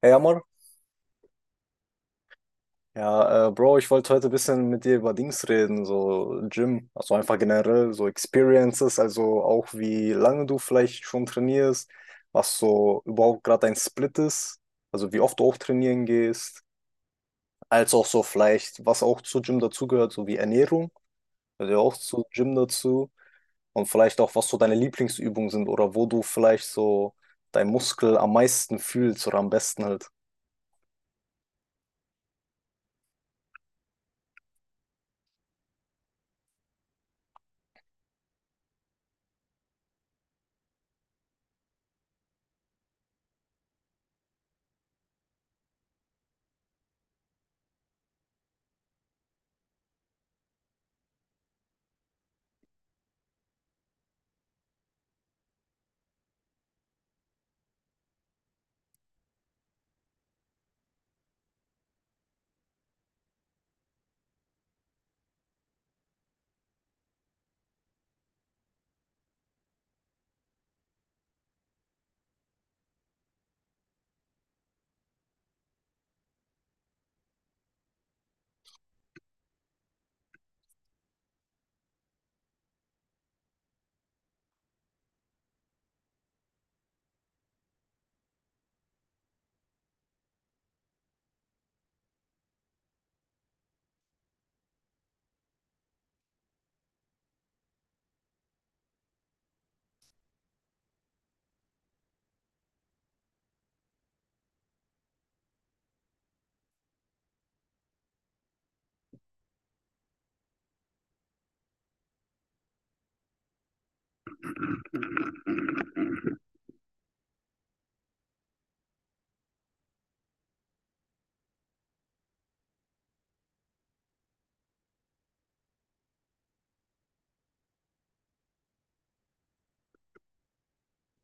Hey Amor, ja, Bro, ich wollte heute ein bisschen mit dir über Dings reden, so Gym, also einfach generell so Experiences, also auch wie lange du vielleicht schon trainierst, was so überhaupt gerade dein Split ist, also wie oft du auch trainieren gehst, als auch so vielleicht, was auch zu Gym dazugehört, so wie Ernährung, also auch zu Gym dazu, und vielleicht auch, was so deine Lieblingsübungen sind oder wo du vielleicht so dein Muskel am meisten fühlst oder am besten halt.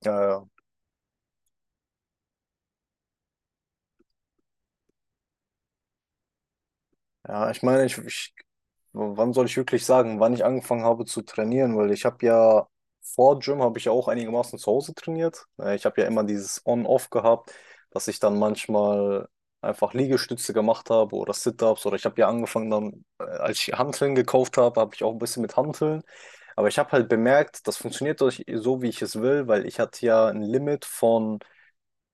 Ja, ja, ja, ja, ich meine, wann soll ich wirklich sagen, wann ich angefangen habe zu trainieren, weil ich habe ja vor Gym habe ich ja auch einigermaßen zu Hause trainiert. Ich habe ja immer dieses On-Off gehabt, dass ich dann manchmal einfach Liegestütze gemacht habe oder Sit-Ups, oder ich habe ja angefangen dann, als ich Hanteln gekauft habe, habe ich auch ein bisschen mit Hanteln. Aber ich habe halt bemerkt, das funktioniert doch so, wie ich es will, weil ich hatte ja ein Limit von,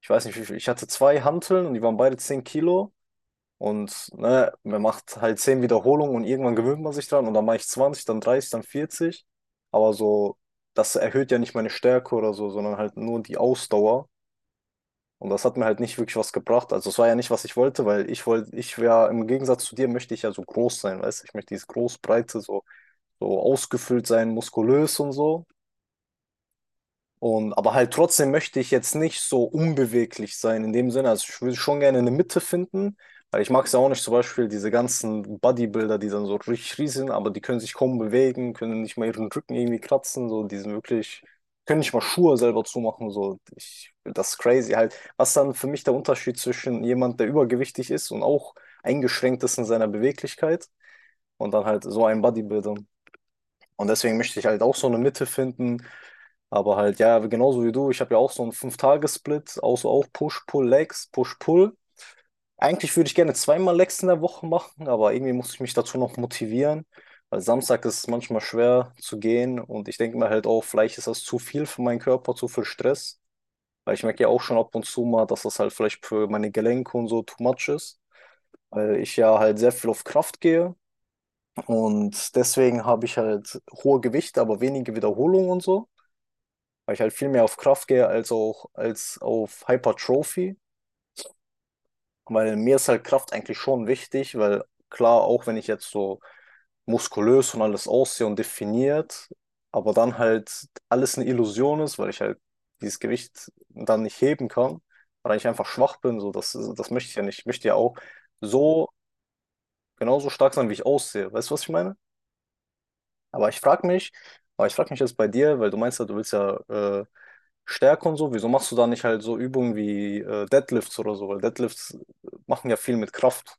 ich weiß nicht, ich hatte zwei Hanteln und die waren beide 10 kg. Und ne, man macht halt 10 Wiederholungen und irgendwann gewöhnt man sich dran und dann mache ich 20, dann 30, dann 40. Aber so, das erhöht ja nicht meine Stärke oder so, sondern halt nur die Ausdauer. Und das hat mir halt nicht wirklich was gebracht. Also es war ja nicht, was ich wollte, weil ich wollte, ich wäre, im Gegensatz zu dir, möchte ich ja so groß sein, weißt du? Ich möchte dieses Großbreite, so, so ausgefüllt sein, muskulös und so. Und, aber halt trotzdem möchte ich jetzt nicht so unbeweglich sein in dem Sinne. Also ich will schon gerne eine Mitte finden, weil ich mag es ja auch nicht, zum Beispiel diese ganzen Bodybuilder, die dann so richtig riesig sind, aber die können sich kaum bewegen, können nicht mal ihren Rücken irgendwie kratzen, so die sind wirklich, können nicht mal Schuhe selber zumachen, so ich, das ist crazy halt. Was dann für mich der Unterschied zwischen jemand, der übergewichtig ist und auch eingeschränkt ist in seiner Beweglichkeit und dann halt so einem Bodybuilder. Und deswegen möchte ich halt auch so eine Mitte finden, aber halt, ja, genauso wie du, ich habe ja auch so einen Fünf-Tage-Split, also auch Push-Pull-Legs, Push-Pull. Eigentlich würde ich gerne zweimal Legs in der Woche machen, aber irgendwie muss ich mich dazu noch motivieren, weil Samstag ist es manchmal schwer zu gehen und ich denke mir halt auch, vielleicht ist das zu viel für meinen Körper, zu viel Stress, weil ich merke ja auch schon ab und zu mal, dass das halt vielleicht für meine Gelenke und so too much ist, weil ich ja halt sehr viel auf Kraft gehe und deswegen habe ich halt hohe Gewichte, aber wenige Wiederholungen und so. Weil ich halt viel mehr auf Kraft gehe als auf Hypertrophie, weil mir ist halt Kraft eigentlich schon wichtig, weil klar, auch wenn ich jetzt so muskulös und alles aussehe und definiert, aber dann halt alles eine Illusion ist, weil ich halt dieses Gewicht dann nicht heben kann, weil ich einfach schwach bin, so das, das möchte ich ja nicht. Ich möchte ja auch so genauso stark sein, wie ich aussehe. Weißt du, was ich meine? Aber ich frage mich, aber ich frage mich jetzt bei dir, weil du meinst ja, du willst ja stärker und so, wieso machst du da nicht halt so Übungen wie Deadlifts oder so? Weil Deadlifts machen ja viel mit Kraft.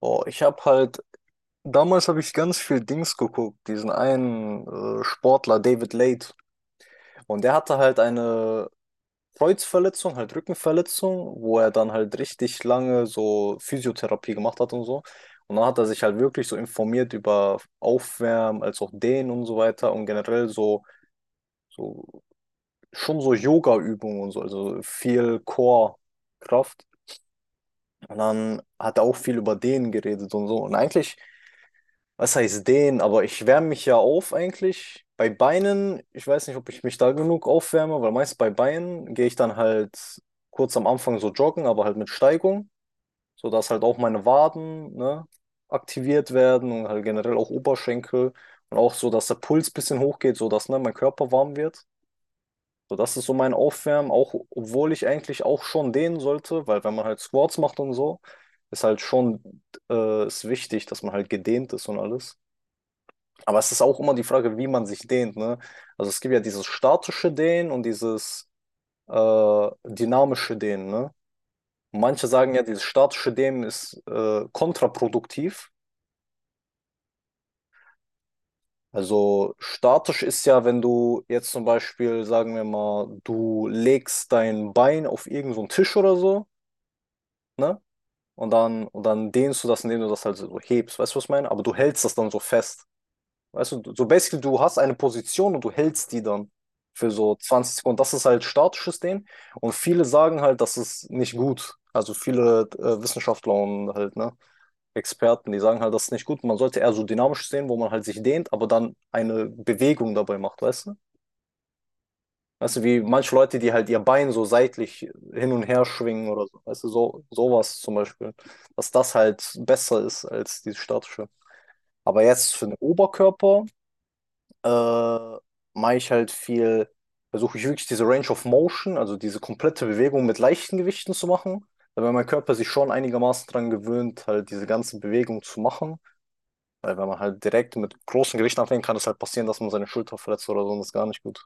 Boah, ich habe halt, damals habe ich ganz viel Dings geguckt, diesen einen Sportler, David Late. Und der hatte halt eine Kreuzverletzung, halt Rückenverletzung, wo er dann halt richtig lange so Physiotherapie gemacht hat und so. Und dann hat er sich halt wirklich so informiert über Aufwärmen, als auch Dehnen und so weiter und generell so. So, schon so Yoga-Übungen und so, also viel Core-Kraft. Und dann hat er auch viel über Dehnen geredet und so. Und eigentlich, was heißt Dehnen? Aber ich wärme mich ja auf eigentlich. Bei Beinen, ich weiß nicht, ob ich mich da genug aufwärme, weil meist bei Beinen gehe ich dann halt kurz am Anfang so joggen, aber halt mit Steigung, sodass halt auch meine Waden, ne, aktiviert werden und halt generell auch Oberschenkel und auch so, dass der Puls ein bisschen hochgeht, sodass, ne, mein Körper warm wird. So, das ist so mein Aufwärmen, auch obwohl ich eigentlich auch schon dehnen sollte, weil wenn man halt Squats macht und so, ist halt schon ist wichtig, dass man halt gedehnt ist und alles. Aber es ist auch immer die Frage, wie man sich dehnt, ne? Also es gibt ja dieses statische Dehnen und dieses dynamische Dehnen, ne? Manche sagen ja, dieses statische Dehnen ist kontraproduktiv. Also statisch ist ja, wenn du jetzt zum Beispiel, sagen wir mal, du legst dein Bein auf irgendeinen so einen Tisch oder so, ne? Und dann dehnst du das, indem du das halt so hebst. Weißt du, was ich meine? Aber du hältst das dann so fest. Weißt du, so basically, du hast eine Position und du hältst die dann für so 20 Sekunden. Das ist halt statisches Dehnen. Und viele sagen halt, das ist nicht gut. Also viele Wissenschaftler und halt, ne, Experten, die sagen halt, das ist nicht gut. Man sollte eher so dynamisches Dehnen, wo man halt sich dehnt, aber dann eine Bewegung dabei macht, weißt du? Weißt du, wie manche Leute, die halt ihr Bein so seitlich hin und her schwingen oder so. Weißt du, so, sowas zum Beispiel. Dass das halt besser ist als dieses statische. Aber jetzt für den Oberkörper äh, mache ich halt viel, versuche ich wirklich diese Range of Motion, also diese komplette Bewegung mit leichten Gewichten zu machen. Weil mein Körper sich schon einigermaßen daran gewöhnt, halt diese ganze Bewegung zu machen. Weil wenn man halt direkt mit großen Gewichten anfängt, kann es halt passieren, dass man seine Schulter verletzt oder so und das ist gar nicht gut.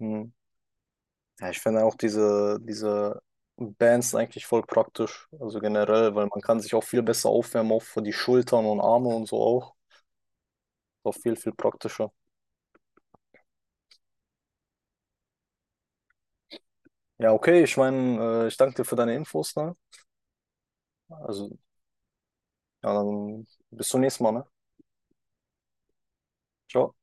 Hm. Ja, ich finde auch diese Bands sind eigentlich voll praktisch, also generell, weil man kann sich auch viel besser aufwärmen, auch für die Schultern und Arme und so auch. Auch viel praktischer. Ja, okay, ich meine, ich danke dir für deine Infos, ne? Also, ja, dann bis zum nächsten Mal, ne? Ciao.